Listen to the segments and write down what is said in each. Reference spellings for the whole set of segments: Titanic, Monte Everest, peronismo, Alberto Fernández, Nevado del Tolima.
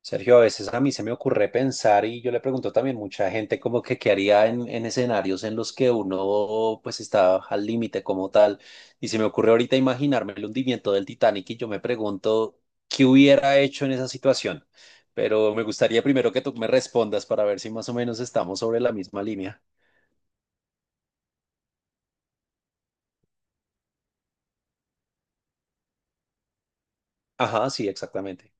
Sergio, a veces a mí se me ocurre pensar y yo le pregunto también mucha gente como que qué haría en escenarios en los que uno pues está al límite como tal. Y se me ocurre ahorita imaginarme el hundimiento del Titanic y yo me pregunto qué hubiera hecho en esa situación. Pero me gustaría primero que tú me respondas para ver si más o menos estamos sobre la misma línea. Ajá, sí, exactamente.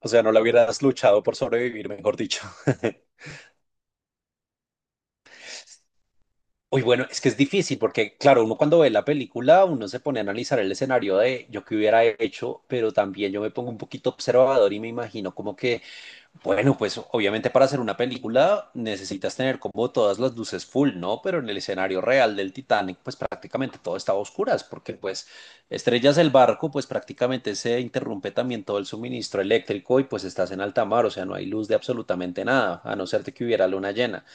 O sea, no la hubieras luchado por sobrevivir, mejor dicho. Uy, bueno, es que es difícil porque, claro, uno cuando ve la película, uno se pone a analizar el escenario de yo que hubiera hecho, pero también yo me pongo un poquito observador y me imagino como que, bueno, pues obviamente para hacer una película necesitas tener como todas las luces full, ¿no? Pero en el escenario real del Titanic, pues prácticamente todo estaba a oscuras porque pues estrellas el barco, pues prácticamente se interrumpe también todo el suministro eléctrico y pues estás en alta mar, o sea, no hay luz de absolutamente nada, a no ser de que hubiera luna llena.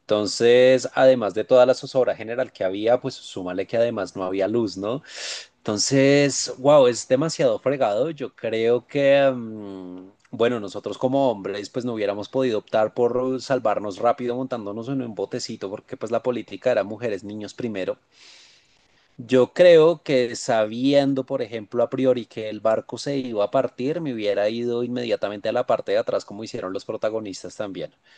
Entonces, además de toda la zozobra general que había, pues súmale que además no había luz, ¿no? Entonces, wow, es demasiado fregado. Yo creo que, bueno, nosotros como hombres, pues no hubiéramos podido optar por salvarnos rápido montándonos en un botecito, porque pues la política era mujeres, niños primero. Yo creo que sabiendo, por ejemplo, a priori que el barco se iba a partir, me hubiera ido inmediatamente a la parte de atrás, como hicieron los protagonistas también. O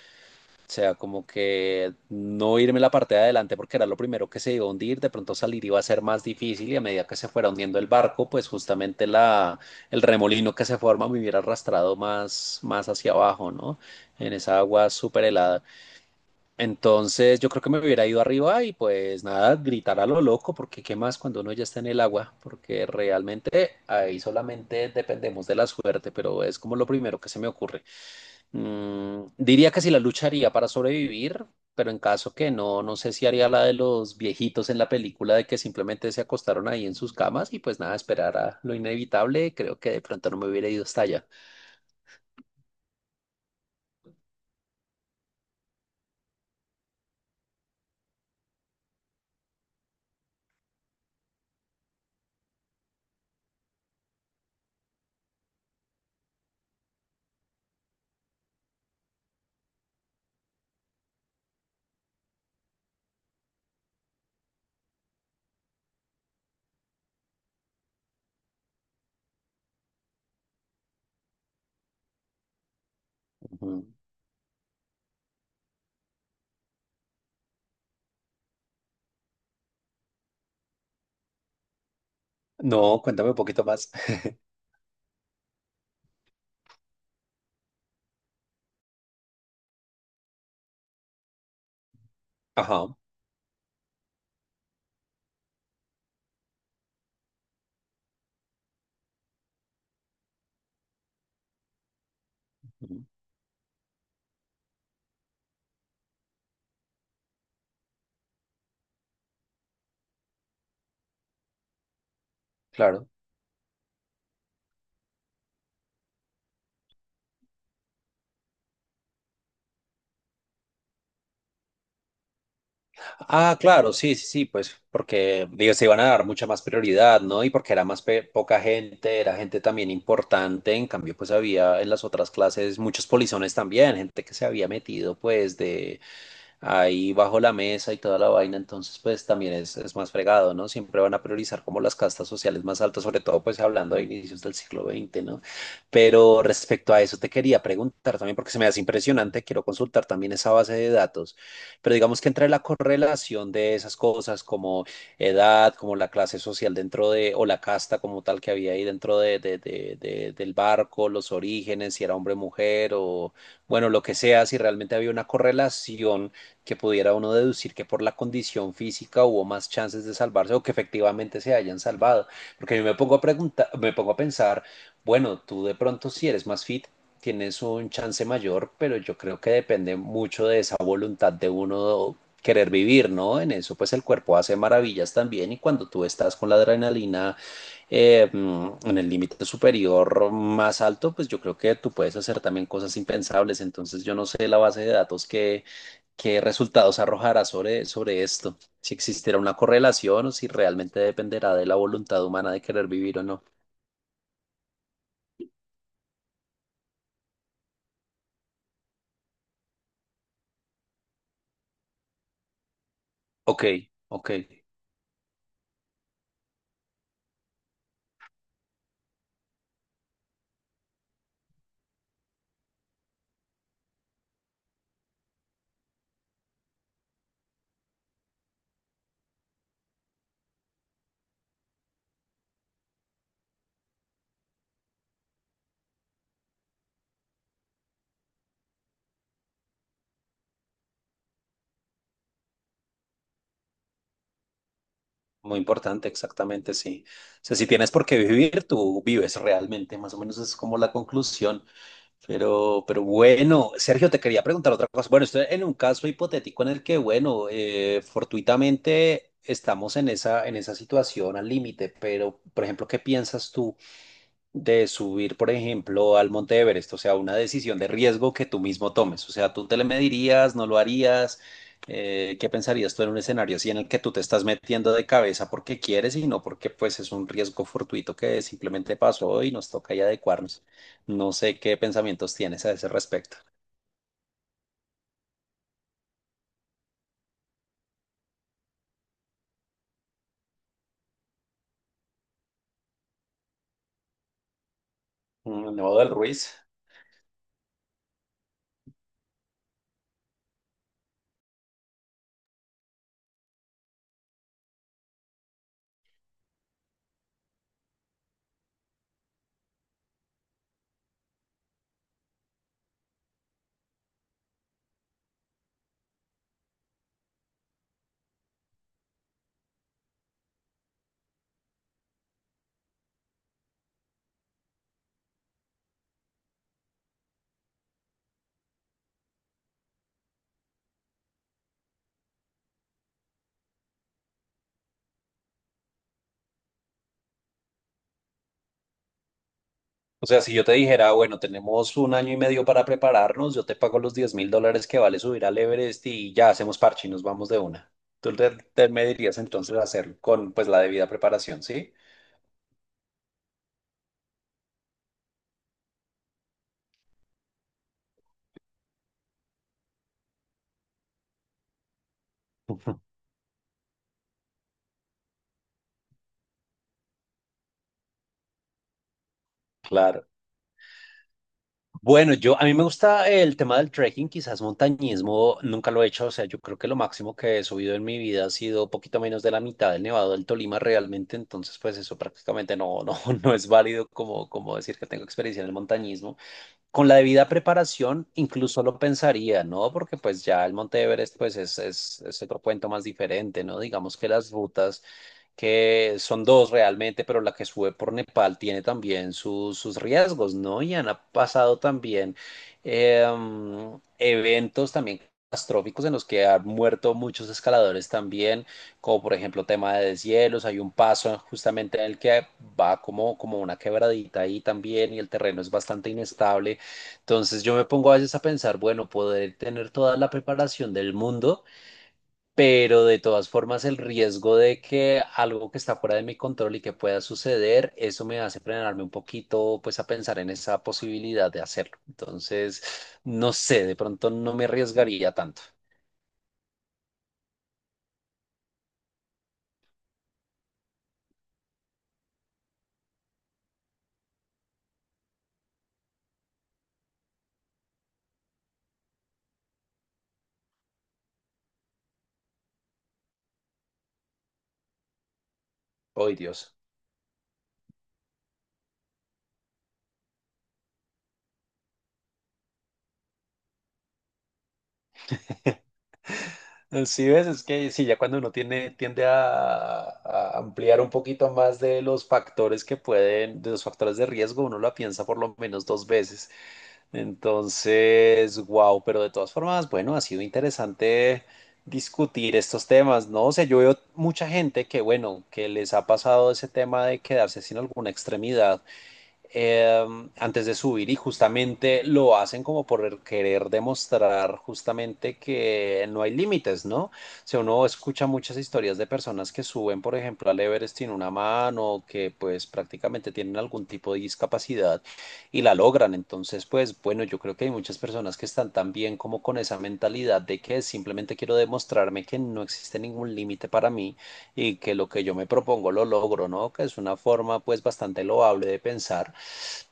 sea, como que no irme la parte de adelante porque era lo primero que se iba a hundir, de pronto salir iba a ser más difícil y a medida que se fuera hundiendo el barco, pues justamente el remolino que se forma me hubiera arrastrado más, más hacia abajo, ¿no? En esa agua súper helada. Entonces yo creo que me hubiera ido arriba y pues nada, gritar a lo loco, porque qué más cuando uno ya está en el agua, porque realmente ahí solamente dependemos de la suerte, pero es como lo primero que se me ocurre. Mm, diría que sí la lucharía para sobrevivir, pero en caso que no, no sé si haría la de los viejitos en la película de que simplemente se acostaron ahí en sus camas y pues nada, esperar a lo inevitable. Creo que de pronto no me hubiera ido hasta allá. Ujú. No, cuéntame un poquito más. Ajá. Ujú, claro. Ah, claro, sí, sí, sí, pues porque digo, se iban a dar mucha más prioridad, ¿no? Y porque era más poca gente, era gente también importante, en cambio pues había en las otras clases muchos polizones también, gente que se había metido pues de ahí bajo la mesa y toda la vaina, entonces pues también es más fregado, ¿no? Siempre van a priorizar como las castas sociales más altas, sobre todo pues hablando de inicios del siglo XX, ¿no? Pero respecto a eso te quería preguntar también, porque se me hace impresionante, quiero consultar también esa base de datos, pero digamos que entre la correlación de esas cosas como edad, como la clase social o la casta como tal que había ahí dentro del barco, los orígenes, si era hombre o mujer, o bueno, lo que sea, si realmente había una correlación que pudiera uno deducir que por la condición física hubo más chances de salvarse o que efectivamente se hayan salvado. Porque yo me pongo a preguntar, me pongo a pensar, bueno, tú de pronto si eres más fit, tienes un chance mayor, pero yo creo que depende mucho de esa voluntad de uno querer vivir, ¿no? En eso pues el cuerpo hace maravillas también y cuando tú estás con la adrenalina en el límite superior más alto, pues yo creo que tú puedes hacer también cosas impensables. Entonces yo no sé la base de datos qué resultados arrojará sobre esto, si existirá una correlación o si realmente dependerá de la voluntad humana de querer vivir o no. Ok, ok, muy importante, exactamente, sí. O sea, si tienes por qué vivir, tú vives realmente, más o menos es como la conclusión. Pero bueno, Sergio, te quería preguntar otra cosa. Bueno, estoy en un caso hipotético en el que, bueno, fortuitamente estamos en esa situación al límite, pero, por ejemplo, ¿qué piensas tú de subir, por ejemplo, al Monte Everest? O sea, una decisión de riesgo que tú mismo tomes, o sea, tú te le medirías, no lo harías. ¿Qué pensarías tú en un escenario así en el que tú te estás metiendo de cabeza porque quieres y no porque pues es un riesgo fortuito que simplemente pasó y nos toca ahí adecuarnos? No sé qué pensamientos tienes a ese respecto. Mm, no, del Ruiz. O sea, si yo te dijera: "Ah, bueno, tenemos un año y medio para prepararnos, yo te pago los $10.000 que vale subir al Everest y ya hacemos parche y nos vamos de una". Me dirías entonces hacerlo con pues la debida preparación, ¿sí? Ujú. Claro. Bueno, yo a mí me gusta el tema del trekking, quizás montañismo, nunca lo he hecho, o sea, yo creo que lo máximo que he subido en mi vida ha sido poquito menos de la mitad del Nevado del Tolima realmente, entonces pues eso prácticamente no, no es válido como decir que tengo experiencia en el montañismo. Con la debida preparación incluso lo pensaría, ¿no? Porque pues ya el Monte Everest pues es otro cuento más diferente, ¿no? Digamos que las rutas que son dos realmente, pero la que sube por Nepal tiene también sus riesgos, ¿no? Y han pasado también eh, eventos también catastróficos en los que han muerto muchos escaladores también, como por ejemplo tema de deshielos, hay un paso justamente en el que va como una quebradita ahí también y el terreno es bastante inestable. Entonces yo me pongo a veces a pensar, bueno, poder tener toda la preparación del mundo pero de todas formas el riesgo de que algo que está fuera de mi control y que pueda suceder, eso me hace frenarme un poquito, pues a pensar en esa posibilidad de hacerlo. Entonces, no sé, de pronto no me arriesgaría tanto. Ay, Dios. Sí, ves, es que sí, ya cuando uno tiene, tiende a ampliar un poquito más de los factores que pueden, de los factores de riesgo, uno la piensa por lo menos dos veces. Entonces, wow, pero de todas formas, bueno, ha sido interesante discutir estos temas, ¿no? O sea, yo veo mucha gente que, bueno, que les ha pasado ese tema de quedarse sin alguna extremidad antes de subir y justamente lo hacen como por querer demostrar justamente que no hay límites, ¿no? O sea, uno escucha muchas historias de personas que suben, por ejemplo, al Everest sin una mano, que pues prácticamente tienen algún tipo de discapacidad y la logran. Entonces, pues bueno, yo creo que hay muchas personas que están también como con esa mentalidad de que simplemente quiero demostrarme que no existe ningún límite para mí y que lo que yo me propongo lo logro, ¿no? Que es una forma pues bastante loable de pensar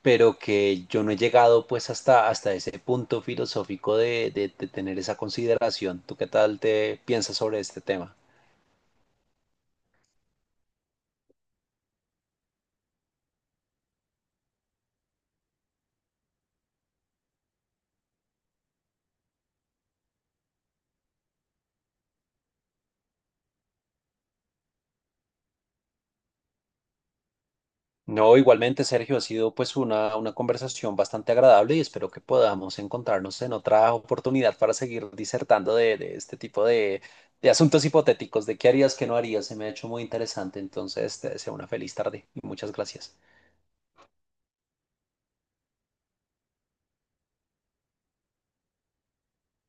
pero que yo no he llegado pues hasta ese punto filosófico de tener esa consideración. ¿Tú qué tal te piensas sobre este tema? No, igualmente, Sergio, ha sido pues una conversación bastante agradable y espero que podamos encontrarnos en otra oportunidad para seguir disertando de este tipo de asuntos hipotéticos, de qué harías, qué no harías. Se me ha hecho muy interesante, entonces te deseo una feliz tarde y muchas gracias.